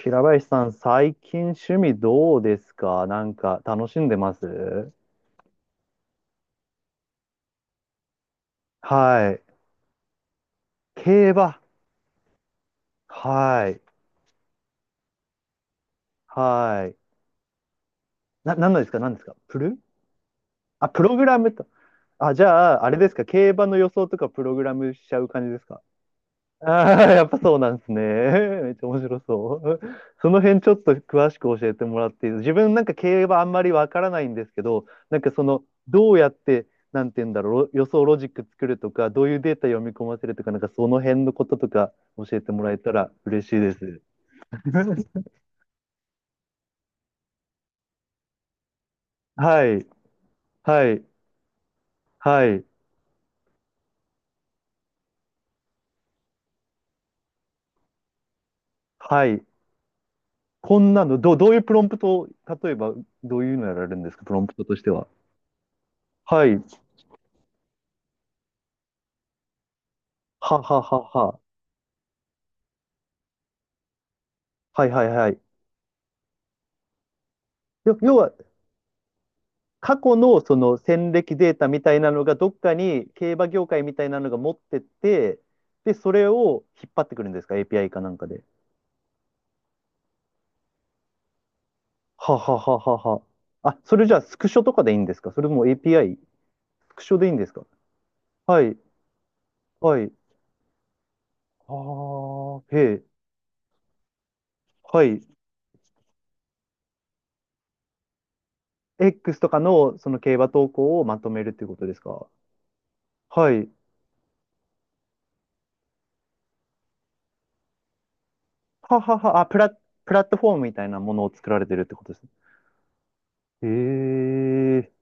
平林さん、最近趣味どうですか？なんか楽しんでます？はい。競馬。はい。はい。何のですか？何ですか？あ、プログラムと。あ、じゃあ、あれですか？競馬の予想とかプログラムしちゃう感じですか？ああ、やっぱそうなんですね。めっちゃ面白そう。その辺ちょっと詳しく教えてもらっていい？自分なんか競馬あんまりわからないんですけど、なんかその、どうやって、なんて言うんだろう、予想ロジック作るとか、どういうデータ読み込ませるとか、なんかその辺のこととか教えてもらえたら嬉しいです。はい、はい、はい、はい。こんなの、どういうプロンプトを、例えばどういうのやられるんですか、プロンプトとしては？はい、はははは。はいはいはい。要は、過去のその戦歴データみたいなのがどっかに競馬業界みたいなのが持ってって、で、それを引っ張ってくるんですか？ API かなんかで。ははははは。あ、それじゃあスクショとかでいいんですか？それとも API？ スクショでいいんですか？はい、はい。ああ、へえ、はい。X とかのその競馬投稿をまとめるっていうことですか？はい。ははは、プラットフォームみたいなものを作られてるってことですね。へえ、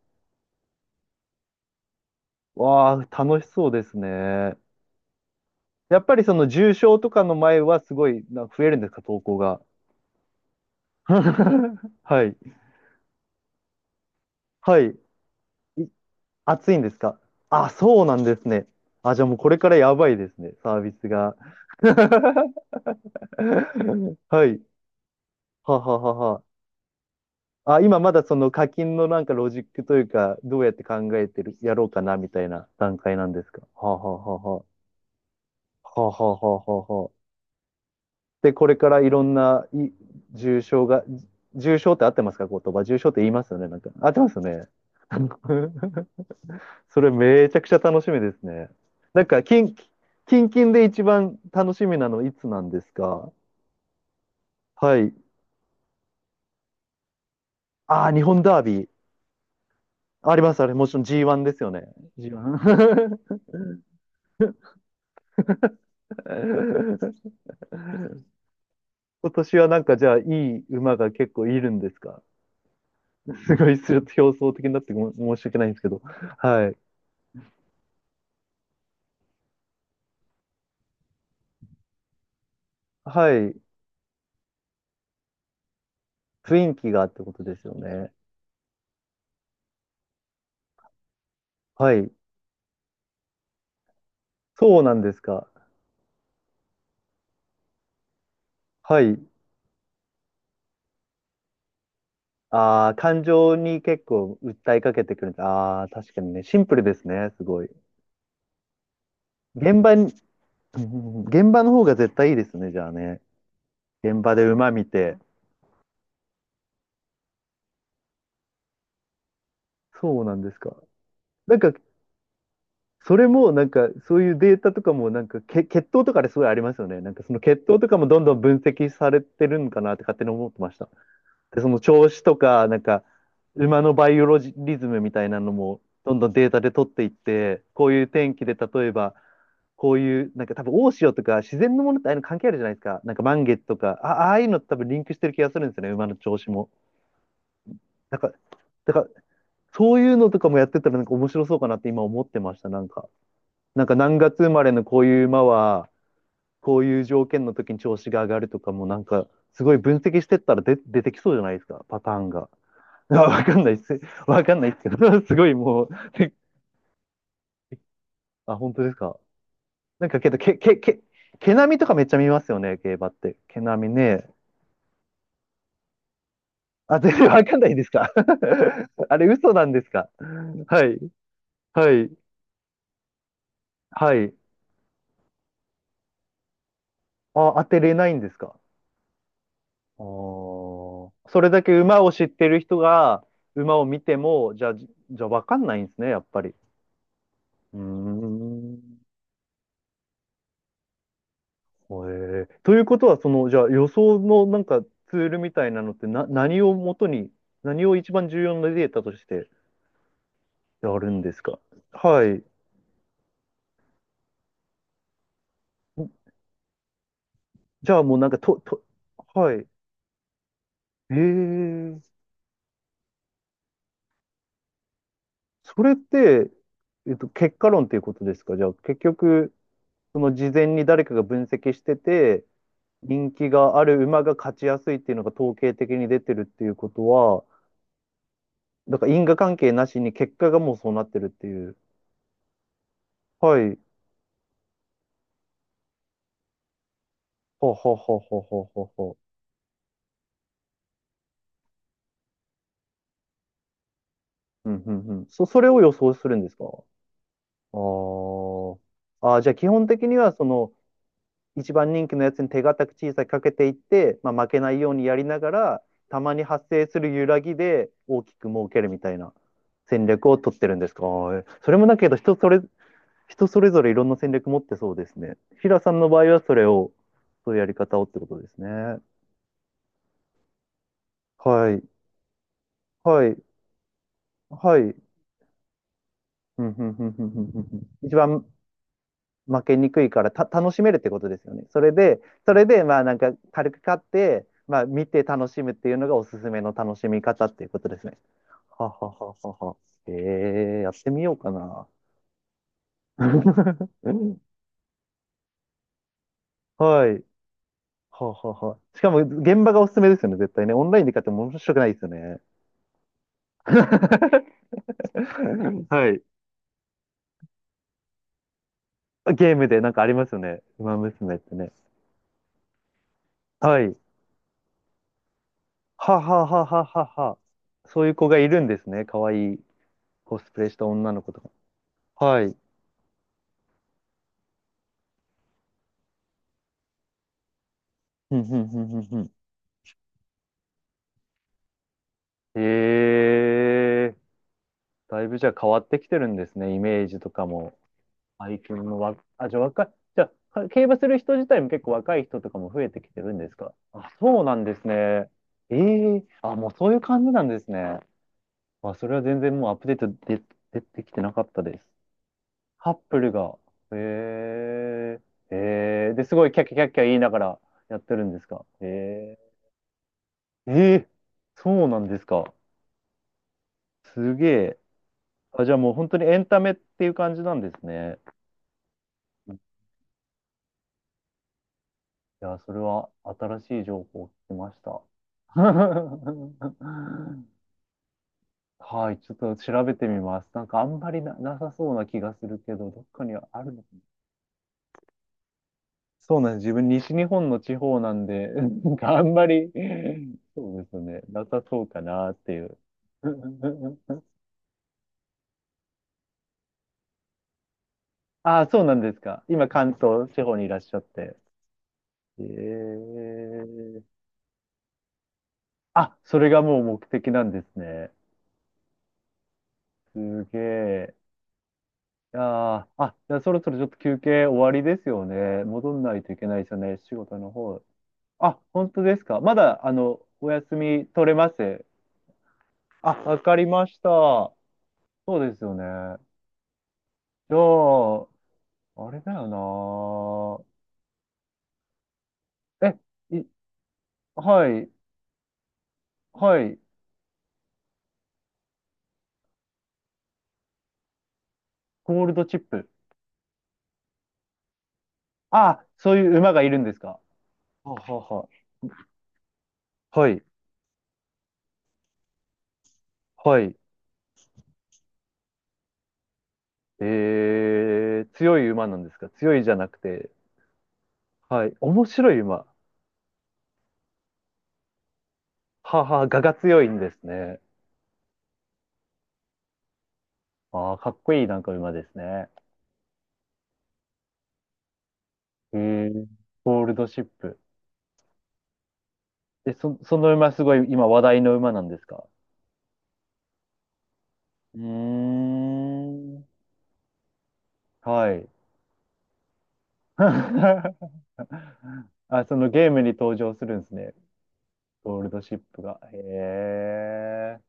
わあ、楽しそうですね。やっぱりその重症とかの前はすごい増えるんですか、投稿が？はい。はい。い暑いんですか？あ、そうなんですね。あ、じゃあもうこれからやばいですね、サービスが。はい。はははは。あ、今まだその課金のなんかロジックというか、どうやって考えてる、やろうかなみたいな段階なんですか？ははははは。ははははは。で、これからいろんな重症が、重症って合ってますか？言葉。重症って言いますよね。なんか、合ってますよね？それめちゃくちゃ楽しみですね。なんか、キンキンで一番楽しみなのいつなんですか？はい。ああ、日本ダービー。あります、あれ。もちろん G1 ですよね。G1。今年はなんかじゃあいい馬が結構いるんですか？すごいちょっと表層的になってごめん、申し訳ないんですけど。はい。はい。雰囲気がってことですよね。はい。そうなんですか。はい。ああ、感情に結構訴えかけてくるんだ。ああ、確かにね。シンプルですね。すごい。現場に、うん、現場の方が絶対いいですね。じゃあね。現場で馬見て。そうなんですか。なんか、それも、なんか、そういうデータとかも、なんか、血統とかですごいありますよね。なんか、その血統とかもどんどん分析されてるんかなって勝手に思ってました。で、その調子とか、なんか、馬のバイオロジリズムみたいなのも、どんどんデータで取っていって、こういう天気で、例えば、こういう、なんか多分大潮とか自然のものってああいうの関係あるじゃないですか。なんか満月とか、あ、ああいうのって多分リンクしてる気がするんですよね、馬の調子も。なんか、だからそういうのとかもやってたらなんか面白そうかなって今思ってました、なんか。なんか何月生まれのこういう馬は、こういう条件の時に調子が上がるとかもなんか、すごい分析してったら出てきそうじゃないですか、パターンが。あ、わかんないっす。わかんないっすけど、すごいもう、で。あ、本当ですか。なんかけど、け、け、け、毛並みとかめっちゃ見ますよね、競馬って。毛並みね。あ、全然 わかんないですか。あれ、嘘なんですか。はい、はい、はい。あ、当てれないんですか。あー、それだけ馬を知ってる人が、馬を見ても、じゃあ、じゃあわかんないんですね、やっぱり。うーん。へえ、ということは、その、じゃあ予想のなんかツールみたいなのって何をもとに、何を一番重要なデータとしてやるんですか？はい。じゃあもうなんかはい。ええ、それって、結果論っていうことですか？じゃあ結局、その事前に誰かが分析してて、人気がある馬が勝ちやすいっていうのが統計的に出てるっていうことは、だから因果関係なしに結果がもうそうなってるっていう。はい。ほうほうほうほうほうほうほう。うんうんうん。それを予想するんですか？あー、あー、じゃあ基本的にはその一番人気のやつに手堅く小さくかけていって、まあ、負けないようにやりながら、たまに発生する揺らぎで大きく儲けるみたいな戦略を取ってるんですか？あー、それもだけど人それぞれいろんな戦略持ってそうですね。平さんの場合はそれを、そういうやり方をってことですね。はい。はい。はい。うんうんうんうんうんうんうん、一番負けにくいから楽しめるってことですよね。それでまあなんか軽く買って、まあ見て楽しむっていうのがおすすめの楽しみ方っていうことですね。ははははは。ええ、やってみようかな。はい。ははは。しかも現場がおすすめですよね、絶対ね。オンラインで買っても面白くないですよね。はい。ゲームでなんかありますよね。ウマ娘ってね。はい。ははははははは。そういう子がいるんですね。かわいい。コスプレした女の子とか。はい。ふんふんふんふんふん。ええ、だいぶじゃあ変わってきてるんですね、イメージとかも。最近もわ、あ、じゃあ若い、じゃあ、競馬する人自体も結構若い人とかも増えてきてるんですか？あ、そうなんですね。ええ、あ、もうそういう感じなんですね。あ、それは全然もうアップデートで、出てきてなかったです。カップルが、ええ、ええで、すごいキャッキャキャッキャ言いながらやってるんですか？ええ、ええ、そうなんですか。すげえ。あ、じゃあもう本当にエンタメっていう感じなんですね。いや、それは新しい情報を聞きました。はい、ちょっと調べてみます。なんかあんまりなさそうな気がするけど、どっかにはあるのかな。そうなんです。自分西日本の地方なんで、なんかあんまり、そうですね、なさそうかなっていう。ああ、そうなんですか。今関東地方にいらっしゃって。ええ、あ、それがもう目的なんですね。すげえ。あー、あ、じゃあそろそろちょっと休憩終わりですよね。戻んないといけないですよね。仕事の方。あ、本当ですか。まだ、お休み取れます。あ、わかりました。そうですよね。じゃあ、あれだよな。い、はい、はい。ゴールドチップ。あ、そういう馬がいるんですか？ははは。はい、はい。強い馬なんですか？強いじゃなくて、はい。面白い馬。はは、我が強いんですね。ああ、かっこいいなんか馬ですね。えー、ゴールドシップ。その馬すごい今話題の馬なんですか？うーん。はい。あ、そのゲームに登場するんですね。ゴールドシップが。へえ。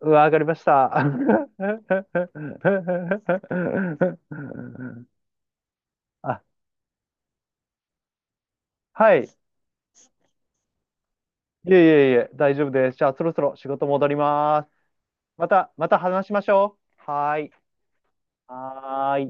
うわ、上がりました。あ、はい。いえいえいえ、大丈夫です。じゃあ、そろそろ仕事戻ります。また、また話しましょう。はーい。はーい。